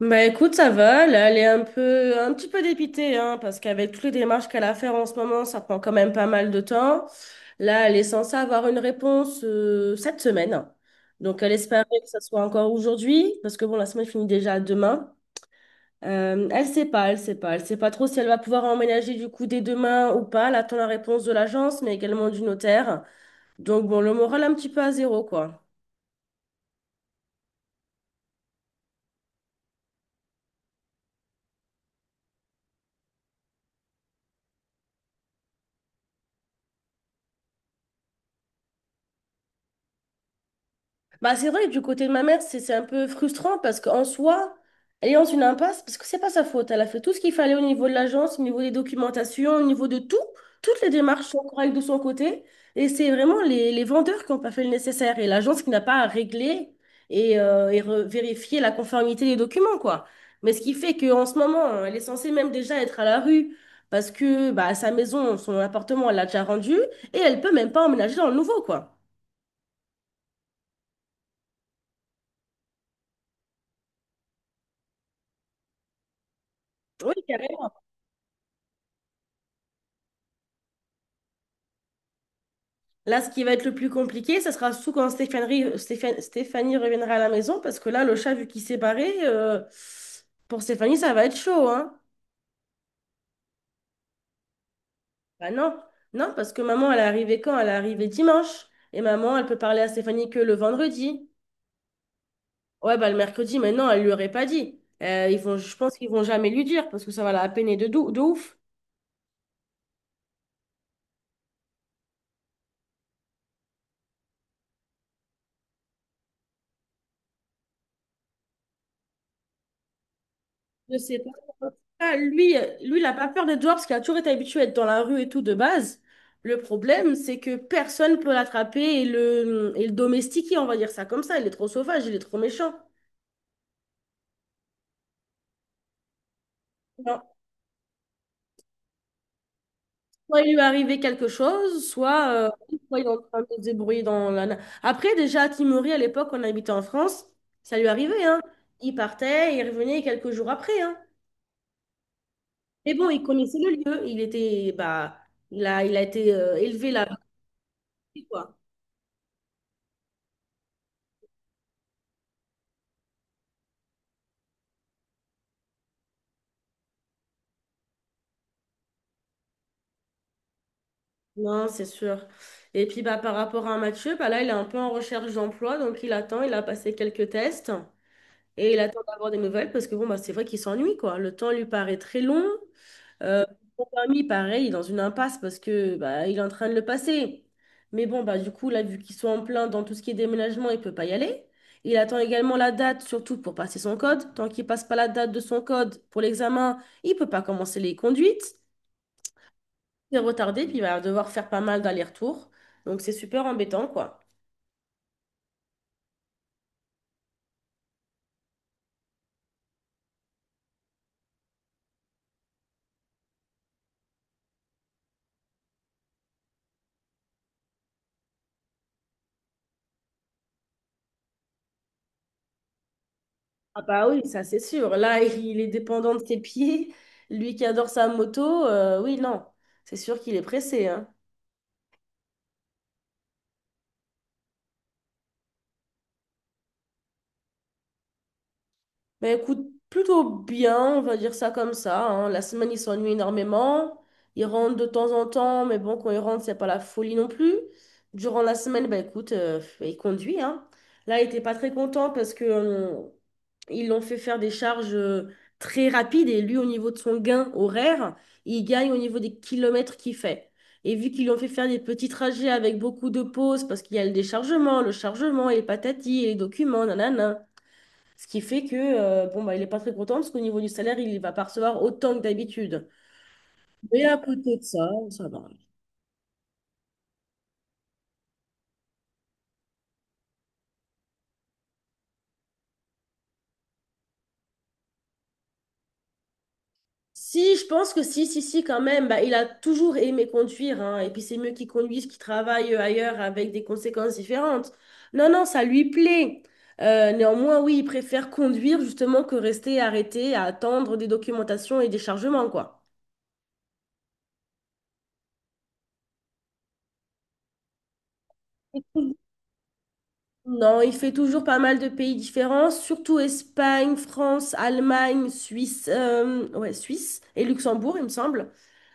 Bah écoute, ça va, là, elle est un petit peu dépitée, hein, parce qu'avec toutes les démarches qu'elle a à faire en ce moment, ça prend quand même pas mal de temps. Là, elle est censée avoir une réponse cette semaine. Donc, elle espérait que ça soit encore aujourd'hui, parce que bon, la semaine finit déjà demain. Elle sait pas trop si elle va pouvoir emménager du coup dès demain ou pas. Elle attend la réponse de l'agence, mais également du notaire. Donc bon, le moral un petit peu à zéro, quoi. Bah, c'est vrai que du côté de ma mère, c'est un peu frustrant parce qu'en soi, elle est dans une impasse parce que c'est pas sa faute. Elle a fait tout ce qu'il fallait au niveau de l'agence, au niveau des documentations, au niveau de tout. Toutes les démarches sont correctes de son côté. Et c'est vraiment les vendeurs qui n'ont pas fait le nécessaire et l'agence qui n'a pas à régler et vérifier la conformité des documents, quoi. Mais ce qui fait qu'en ce moment, elle est censée même déjà être à la rue parce que bah, son appartement, elle l'a déjà rendu et elle peut même pas emménager dans le nouveau, quoi. Oui, carrément. Là, ce qui va être le plus compliqué, ça sera surtout quand Stéphanie reviendra à la maison, parce que là, le chat, vu qu'il s'est barré, pour Stéphanie, ça va être chaud, hein? Bah non, non, parce que maman, elle est arrivée quand? Elle est arrivée dimanche. Et maman, elle peut parler à Stéphanie que le vendredi. Ouais, bah le mercredi, mais non, elle lui aurait pas dit. Je pense qu'ils vont jamais lui dire, parce que ça va la peiner de ouf. Je sais pas. En tout cas, lui, il n'a pas peur de dehors parce qu'il a toujours été habitué à être dans la rue et tout de base. Le problème, c'est que personne peut l'attraper et et le domestiquer, on va dire ça comme ça. Il est trop sauvage, il est trop méchant. Alors, soit il lui est arrivé quelque chose, soit il est en train de se débrouiller dans Après, déjà, à Timory, à l'époque, on habitait en France, ça lui arrivait, hein. Il partait, il revenait quelques jours après, hein. Mais bon, il connaissait le lieu, il était, bah, il a été élevé là-bas, quoi. Non, c'est sûr. Et puis bah, par rapport à Mathieu, bah, là, il est un peu en recherche d'emploi, donc il attend, il a passé quelques tests et il attend d'avoir des nouvelles parce que bon, bah, c'est vrai qu'il s'ennuie, quoi. Le temps lui paraît très long. Euh, Son permis, pareil, il est dans une impasse parce que bah, il est en train de le passer. Mais bon, bah, du coup, là, vu qu'ils sont en plein dans tout ce qui est déménagement, il peut pas y aller. Il attend également la date, surtout pour passer son code. Tant qu'il passe pas la date de son code pour l'examen, il peut pas commencer les conduites. C'est retardé, puis il va devoir faire pas mal d'allers-retours. Donc c'est super embêtant, quoi. Ah bah oui, ça c'est sûr. Là, il est dépendant de ses pieds. Lui qui adore sa moto, oui, non. C'est sûr qu'il est pressé, hein. Ben écoute, plutôt bien, on va dire ça comme ça, hein. La semaine, ils s'ennuient énormément. Ils rentrent de temps en temps, mais bon, quand ils rentrent, c'est pas la folie non plus. Durant la semaine, ben écoute, ils conduisent, hein. Là, ils étaient pas très contents parce que ils l'ont fait faire des charges très rapides et lui, au niveau de son gain horaire, il gagne au niveau des kilomètres qu'il fait. Et vu qu'ils l'ont fait faire des petits trajets avec beaucoup de pauses parce qu'il y a le déchargement, le chargement et les patatis et les documents, nanana. Ce qui fait que, bon, bah, il n'est pas très content parce qu'au niveau du salaire, il ne va pas recevoir autant que d'habitude. Mais à côté de ça, ça va. Si, je pense que si, quand même, bah, il a toujours aimé conduire, hein, et puis c'est mieux qu'il conduise, qu'il travaille ailleurs avec des conséquences différentes. Non, non, ça lui plaît. Néanmoins, oui, il préfère conduire justement que rester arrêté à attendre des documentations et des chargements, quoi. Non, il fait toujours pas mal de pays différents, surtout Espagne, France, Allemagne, Suisse, ouais, Suisse et Luxembourg, il me semble.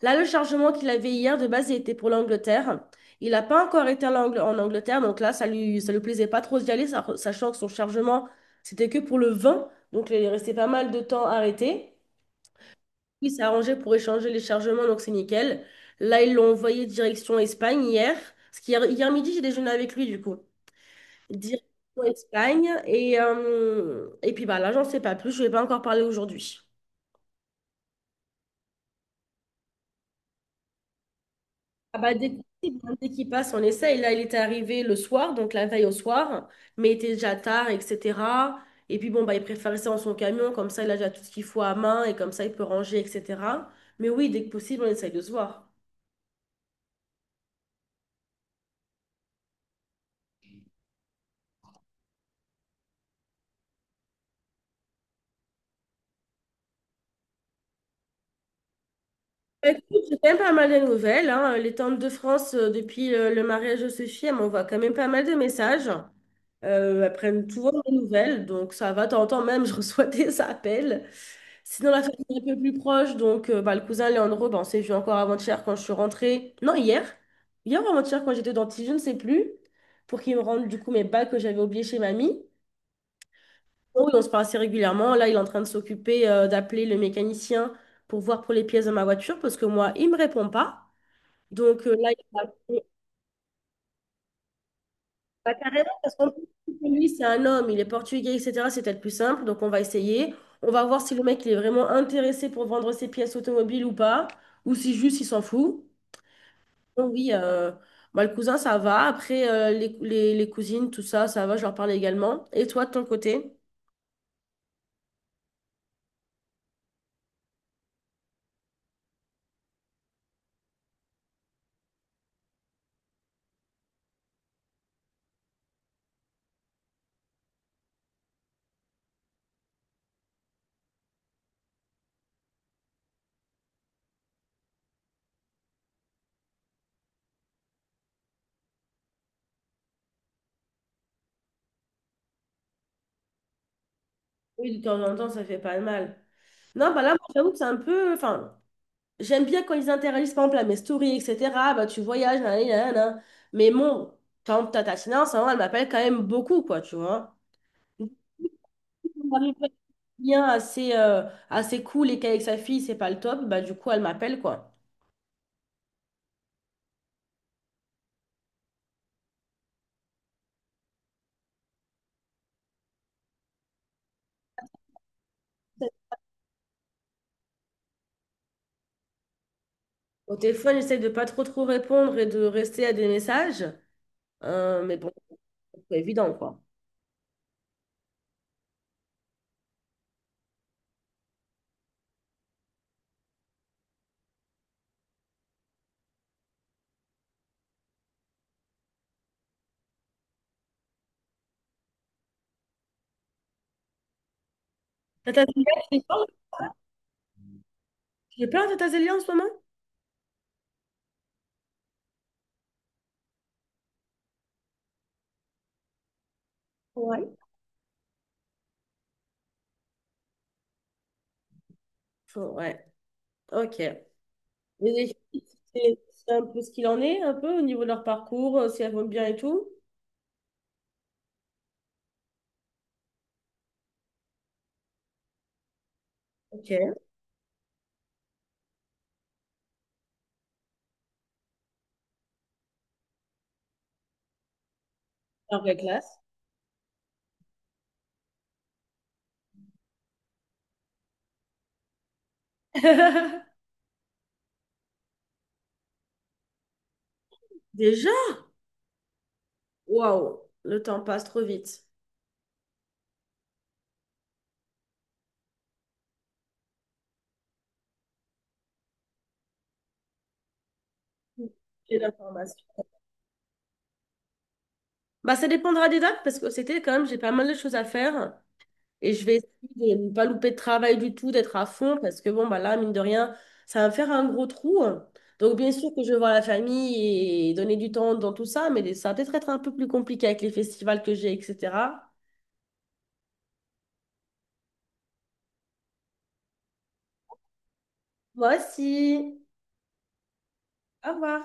Là, le chargement qu'il avait hier, de base, il était pour l'Angleterre. Il n'a pas encore été à en Angleterre, donc là, ça lui plaisait pas trop d'y aller, sachant que son chargement, c'était que pour le vin, donc il est resté pas mal de temps arrêté. Il s'est arrangé pour échanger les chargements, donc c'est nickel. Là, ils l'ont envoyé direction Espagne hier, parce qu'hier midi, j'ai déjeuné avec lui, du coup direction Espagne. Et puis bah, là, j'en sais pas plus. Je vais pas encore parler aujourd'hui. Ah bah, dès qu'il passe, on essaye. Là, il était arrivé le soir, donc la veille au soir, mais il était déjà tard, etc. Et puis bon, bah, il préfère rester dans son camion, comme ça, il a déjà tout ce qu'il faut à main et comme ça, il peut ranger, etc. Mais oui, dès que possible, on essaye de se voir. Bah, écoute, j'ai quand même pas mal de nouvelles, hein. Les Temples de France, depuis le mariage de Sophie, elles m'envoient quand même pas mal de messages. Elles prennent toujours mes nouvelles, donc ça va. De temps en temps même, je reçois des appels. Sinon, la famille est un peu plus proche, donc bah, le cousin, il bah on s'est vu encore avant-hier quand je suis rentrée. Non, hier. Hier ou avant-hier quand j'étais dentiste, je ne sais plus. Pour qu'il me rende du coup mes bagues que j'avais oubliées chez mamie. Oui, on se parle assez régulièrement. Là, il est en train de s'occuper d'appeler le mécanicien pour voir pour les pièces de ma voiture parce que moi, il me répond pas. Donc là, il va... Bah, carrément, parce qu'en plus, lui, c'est un homme, il est portugais, etc. C'est peut-être plus simple. Donc on va essayer. On va voir si le mec, il est vraiment intéressé pour vendre ses pièces automobiles ou pas, ou si juste il s'en fout. Donc oui, bah, le cousin, ça va. Après, les cousines, tout ça, ça va, je leur parle également. Et toi, de ton côté? Oui, de temps en temps, ça fait pas de mal. Non, bah là, moi, j'avoue que c'est un peu. Enfin, j'aime bien quand ils interagissent, par exemple, à mes stories, etc. Bah, tu voyages, nanani, nanana. Mais bon, par exemple, Tata Tina, en ce moment, elle m'appelle quand même beaucoup, quoi, tu vois. Donc, si arrive à être bien assez, assez cool et qu'avec sa fille, c'est pas le top, bah, du coup, elle m'appelle, quoi. Au téléphone, j'essaie de pas trop trop répondre et de rester à des messages. Mais bon, c'est pas évident, quoi. Tata Zélia, tu es pas. J'ai plein de Tata Zélia en ce moment? Ouais. Ouais, ok. Et les filles, c'est c'est un peu ce qu'il en est, un peu au niveau de leur parcours, si elles vont bien et tout. Ok, leur vraie classe. Déjà, waouh, le temps passe trop vite. J'ai l'information. Bah, ça dépendra des dates parce que c'était quand même, j'ai pas mal de choses à faire et je vais essayer de ne pas louper de travail du tout, d'être à fond parce que bon, bah là, mine de rien, ça va me faire un gros trou. Donc, bien sûr que je vais voir la famille et donner du temps dans tout ça, mais ça va peut-être être un peu plus compliqué avec les festivals que j'ai, etc. Moi aussi. Au revoir.